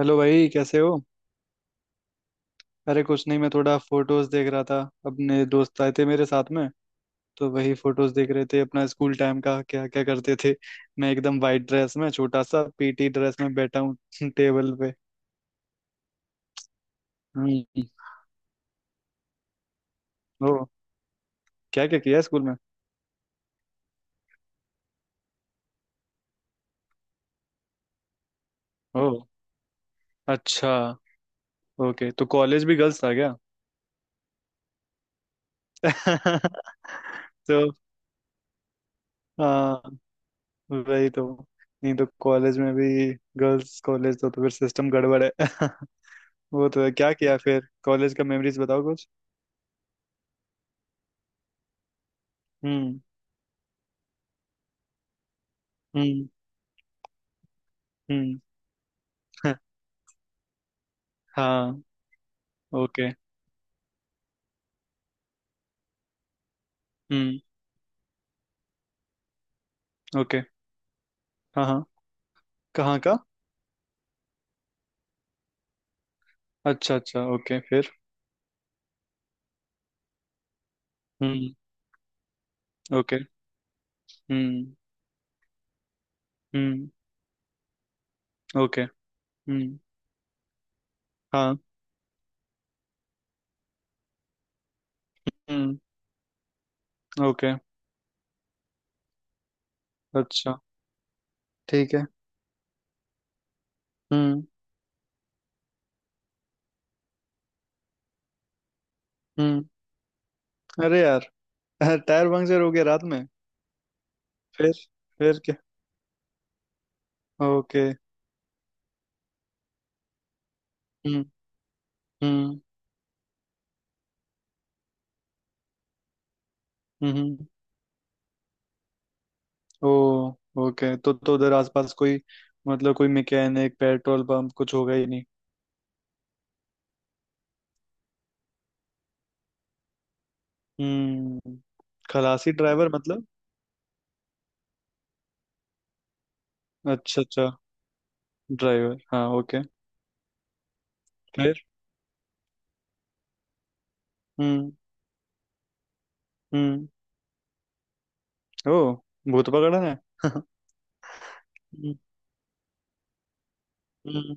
Hello भाई कैसे हो। अरे कुछ नहीं, मैं थोड़ा फोटोज देख रहा था। अपने दोस्त आए थे मेरे साथ में, तो वही फोटोज देख रहे थे, अपना स्कूल टाइम का क्या क्या करते थे। मैं एकदम वाइट ड्रेस में, छोटा सा पीटी ड्रेस में बैठा हूँ टेबल पे। हम्म। ओ। क्या क्या किया स्कूल में? ओ। अच्छा। ओके, तो कॉलेज भी गर्ल्स था क्या? तो हाँ, वही तो। नहीं तो कॉलेज में भी गर्ल्स कॉलेज तो फिर सिस्टम गड़बड़ है। वो तो है। क्या किया फिर? कॉलेज का मेमोरीज बताओ कुछ। हम्म। हम्म। हम्म। हाँ। ओके। हम्म। ओके। हाँ हाँ। कहाँ का? अच्छा अच्छा, ओके, फिर? हम्म। ओके। हम्म हम्म। ओके। हम्म। हाँ। हम्म। ओके। अच्छा। ठीक है। हम्म हम्म। अरे यार। टायर पंक्चर हो गया रात में? फिर? फिर क्या? ओके। हम्म हम्म हम्म। ओ। ओके, तो उधर आसपास कोई, मतलब कोई मैकेनिक पेट्रोल पंप कुछ होगा ही नहीं? हम्म। खलासी ड्राइवर मतलब? अच्छा अच्छा। ड्राइवर हाँ, ओके। फिर? हम्म हम्म। ओ। भूत पकड़न है। हम्म हम्म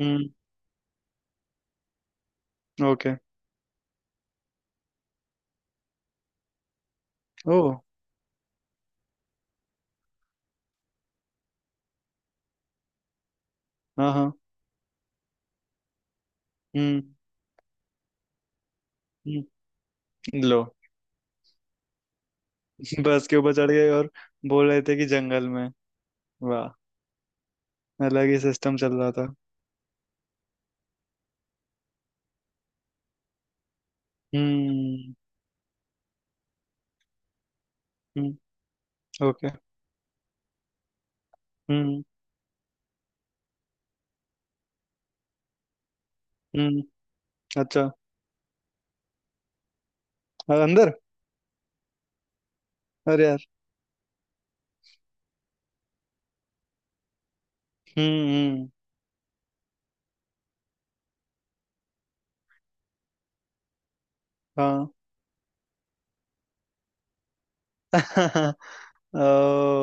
हम्म। ओके। ओ। हाँ हाँ। हम्म हम्म। लो। बस के ऊपर चढ़ गए और बोल रहे थे कि जंगल में? वाह, अलग ही सिस्टम चल रहा था। हम्म हम्म। ओके। हम्म हम्म। अच्छा। और अंदर? अरे यार। हम्म। हाँ। ओ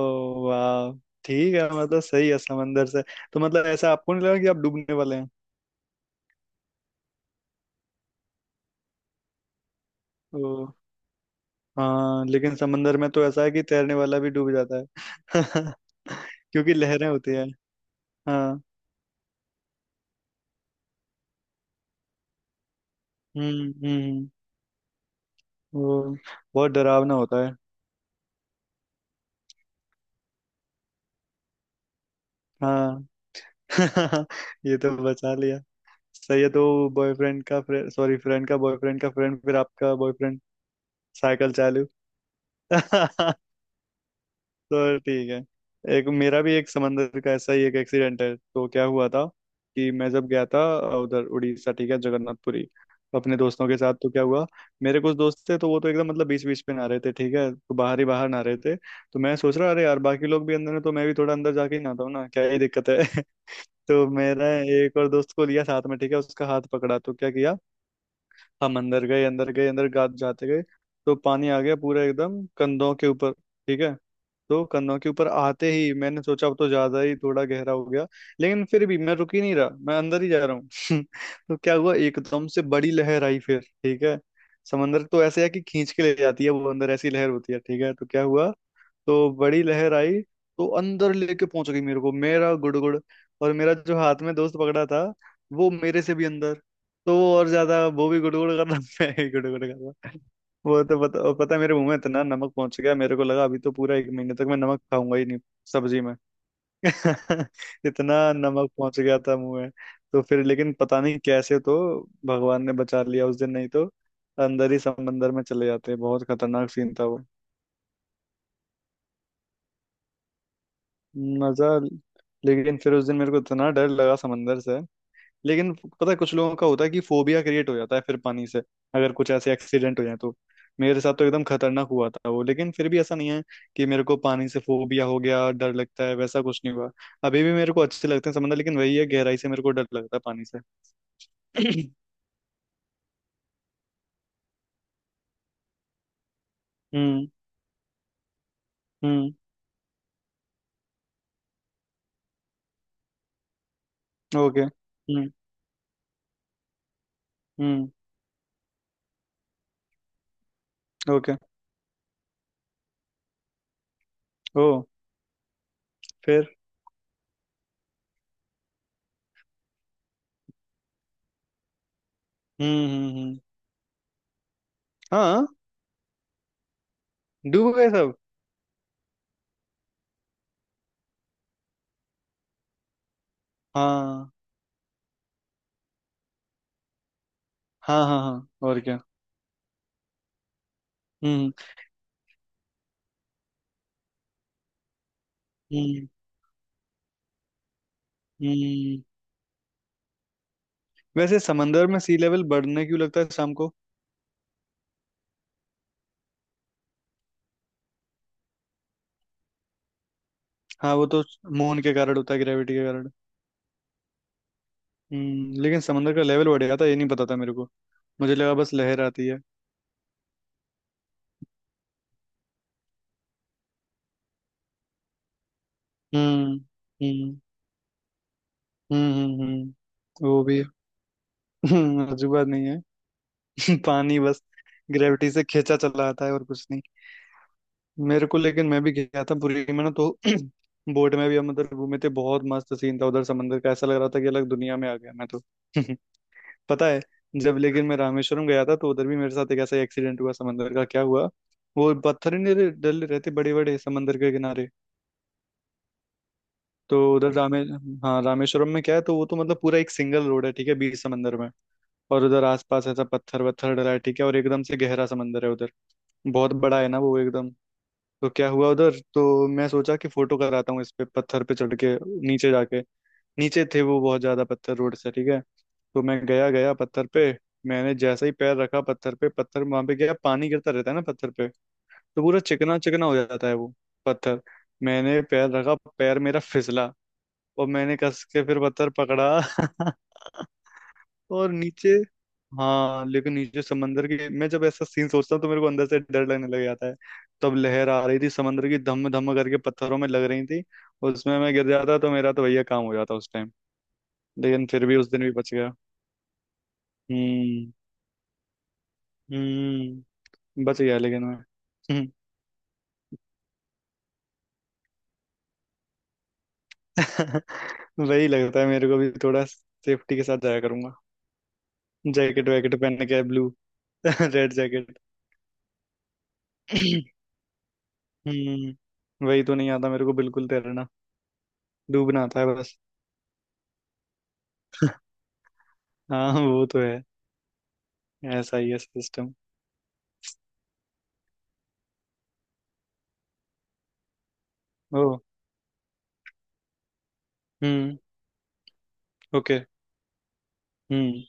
वाह। ठीक है, मतलब सही है। समंदर से तो मतलब ऐसा आपको नहीं लगा कि आप डूबने वाले हैं? ओ। हाँ लेकिन समंदर में तो ऐसा है कि तैरने वाला भी डूब जाता है क्योंकि लहरें होती है। हाँ। हम्म। वो बहुत डरावना होता है। हाँ। ये तो बचा लिया। सही है, तो बॉयफ्रेंड का, सॉरी, फ्रेंड का बॉयफ्रेंड का फ्रेंड, फिर आपका बॉयफ्रेंड, साइकिल चालू। तो ठीक है। एक मेरा भी एक समंदर का ऐसा ही एक एक्सीडेंट है, तो क्या हुआ था कि मैं जब गया था उधर उड़ीसा, ठीक है, जगन्नाथपुरी, अपने दोस्तों के साथ, तो क्या हुआ, मेरे कुछ दोस्त थे तो वो तो एकदम मतलब बीच बीच पे नहा रहे थे, ठीक है, तो बाहर ही बाहर नहा रहे थे। तो मैं सोच रहा, अरे यार बाकी लोग भी अंदर है तो मैं भी थोड़ा अंदर जाके ही नहाता हूँ ना, क्या ही दिक्कत है। तो मेरा एक और दोस्त को लिया साथ में, ठीक है, उसका हाथ पकड़ा, तो क्या किया, हम अंदर गए, अंदर गए, जाते गए। तो पानी आ गया पूरा एकदम कंधों के ऊपर, ठीक है, तो कन्नौज के ऊपर आते ही मैंने सोचा अब तो ज्यादा ही थोड़ा गहरा हो गया, लेकिन फिर भी मैं रुक ही नहीं रहा, मैं अंदर ही जा रहा हूँ। तो क्या हुआ, एकदम से बड़ी लहर आई, फिर ठीक है, समंदर तो ऐसे है कि खींच के ले जाती है वो अंदर, ऐसी लहर होती है, ठीक है, तो क्या हुआ, तो बड़ी लहर आई तो अंदर लेके पहुंच गई मेरे को, मेरा गुड़ गुड़। और मेरा जो हाथ में दोस्त पकड़ा था वो मेरे से भी अंदर, तो वो और ज्यादा, वो भी गुड़ गुड़ कर रहा मैं भी गुड़ गुड़ कर रहा। वो तो पता, और पता है मेरे मुंह में इतना नमक पहुंच गया, मेरे को लगा अभी तो पूरा एक महीने तक मैं नमक खाऊंगा ही नहीं सब्जी में। इतना नमक पहुंच गया था मुंह में। तो फिर लेकिन पता नहीं कैसे तो भगवान ने बचा लिया उस दिन, नहीं तो अंदर ही समंदर में चले जाते, बहुत खतरनाक सीन था वो। मजा लेकिन फिर उस दिन मेरे को इतना डर लगा समंदर से। लेकिन पता है, कुछ लोगों का होता है कि फोबिया क्रिएट हो जाता है फिर पानी से, अगर कुछ ऐसे एक्सीडेंट हो जाए तो। मेरे साथ तो एकदम खतरनाक हुआ था वो, लेकिन फिर भी ऐसा नहीं है कि मेरे को पानी से फोबिया हो गया, डर लगता है, वैसा कुछ नहीं हुआ। अभी भी मेरे को अच्छे लगते हैं समंदर, लेकिन वही है, गहराई से मेरे को डर लगता है पानी से। हम्म हम्म। ओके। हम्म। ओके। ओ। फिर? हम्म। हाँ, डूब गए सब। हाँ हाँ हाँ। हाँ, और क्या? हम्म हम्म हम्म। वैसे समंदर में सी लेवल बढ़ने क्यों लगता है शाम को? हाँ, वो तो मून के कारण होता है, ग्रेविटी के कारण। हम्म, लेकिन समंदर का लेवल बढ़ गया था ये नहीं पता था मेरे को, मुझे लगा बस लहर आती है। हम्म हम्म हम्म हम्म हम्म, वो भी है। अजूबा नहीं है। पानी बस ग्रेविटी से खींचा चला आता है और कुछ नहीं। मेरे को, लेकिन मैं भी गया था पुरी में ना। तो बोट में भी हम उधर घूमे थे, बहुत मस्त सीन था उधर समंदर का, ऐसा लग रहा था कि अलग दुनिया में आ गया मैं तो। पता है, जब लेकिन मैं रामेश्वरम गया था तो उधर भी मेरे साथ एक ऐसा एक्सीडेंट हुआ समंदर का। क्या हुआ, वो पत्थर ही नहीं रहे- डले रहते बड़े बड़े समंदर के किनारे। तो उधर रामे हाँ, रामेश्वरम में क्या है, तो वो तो मतलब पूरा एक सिंगल रोड है, ठीक है, बीच समंदर में। और उधर आसपास ऐसा पत्थर वत्थर डला है, ठीक है, और एकदम से गहरा समंदर है उधर, बहुत बड़ा है ना वो एकदम। तो क्या हुआ उधर, तो मैं सोचा कि फोटो कराता हूँ इस पे पत्थर पे चढ़ के नीचे जाके। नीचे थे वो बहुत ज्यादा पत्थर रोड से, ठीक है, तो मैं गया गया पत्थर पे। मैंने जैसा ही पैर रखा पत्थर पे, पत्थर वहां पे गया, पानी गिरता रहता है ना पत्थर पे, तो पूरा चिकना चिकना हो जाता है वो पत्थर। मैंने पैर रखा, पैर मेरा फिसला, और मैंने कस के फिर पत्थर पकड़ा। और नीचे, हाँ लेकिन नीचे समंदर की, मैं जब ऐसा सीन सोचता हूँ तो मेरे को अंदर से डर लगने लग जाता है। तब लहर आ रही थी समंदर की, धम धम करके पत्थरों में लग रही थी, उसमें मैं गिर जाता तो मेरा तो भैया काम हो जाता उस टाइम। लेकिन फिर भी उस दिन भी बच गया। हम्म हम्म। बच गया लेकिन मैं। हम्म। वही लगता है मेरे को भी, थोड़ा सेफ्टी के साथ जाया करूंगा। जैकेट वैकेट पहन के, ब्लू रेड जैकेट। हम्म, वही तो नहीं आता मेरे को बिल्कुल तैरना। डूबना आता है बस। हाँ वो तो है, ऐसा ही है सिस्टम। ओ। हम्म। ओके। हम्म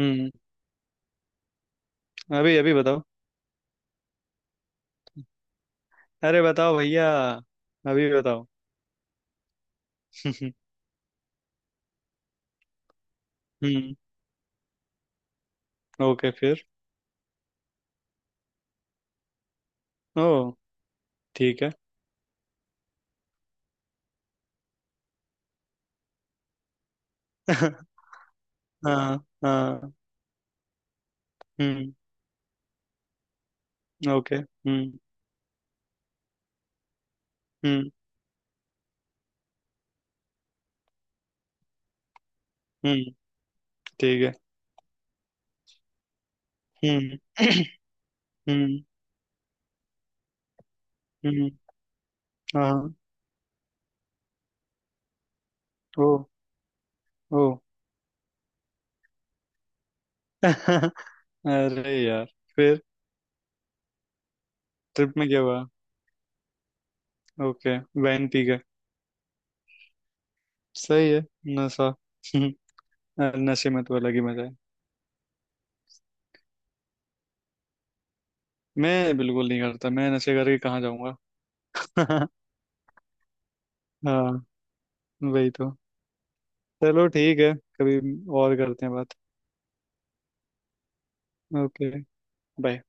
हम्म। अभी अभी बताओ। अरे बताओ भैया, अभी बताओ। हम्म। ओके, फिर? ओ। ठीक है। हाँ। हाँ। हम्म। ओके। हम्म हम्म। ठीक है। हम्म हम्म हम्म। हाँ। ओ। ओ। अरे यार। फिर? ट्रिप में क्या हुआ? ओके, वैन पी गए। सही है, नशा। नशे में तो अलग ही मजा है। मैं बिल्कुल नहीं करता, मैं नशे करके कहाँ जाऊंगा? हाँ, वही तो। चलो ठीक है, कभी और करते हैं बात। ओके। बाय।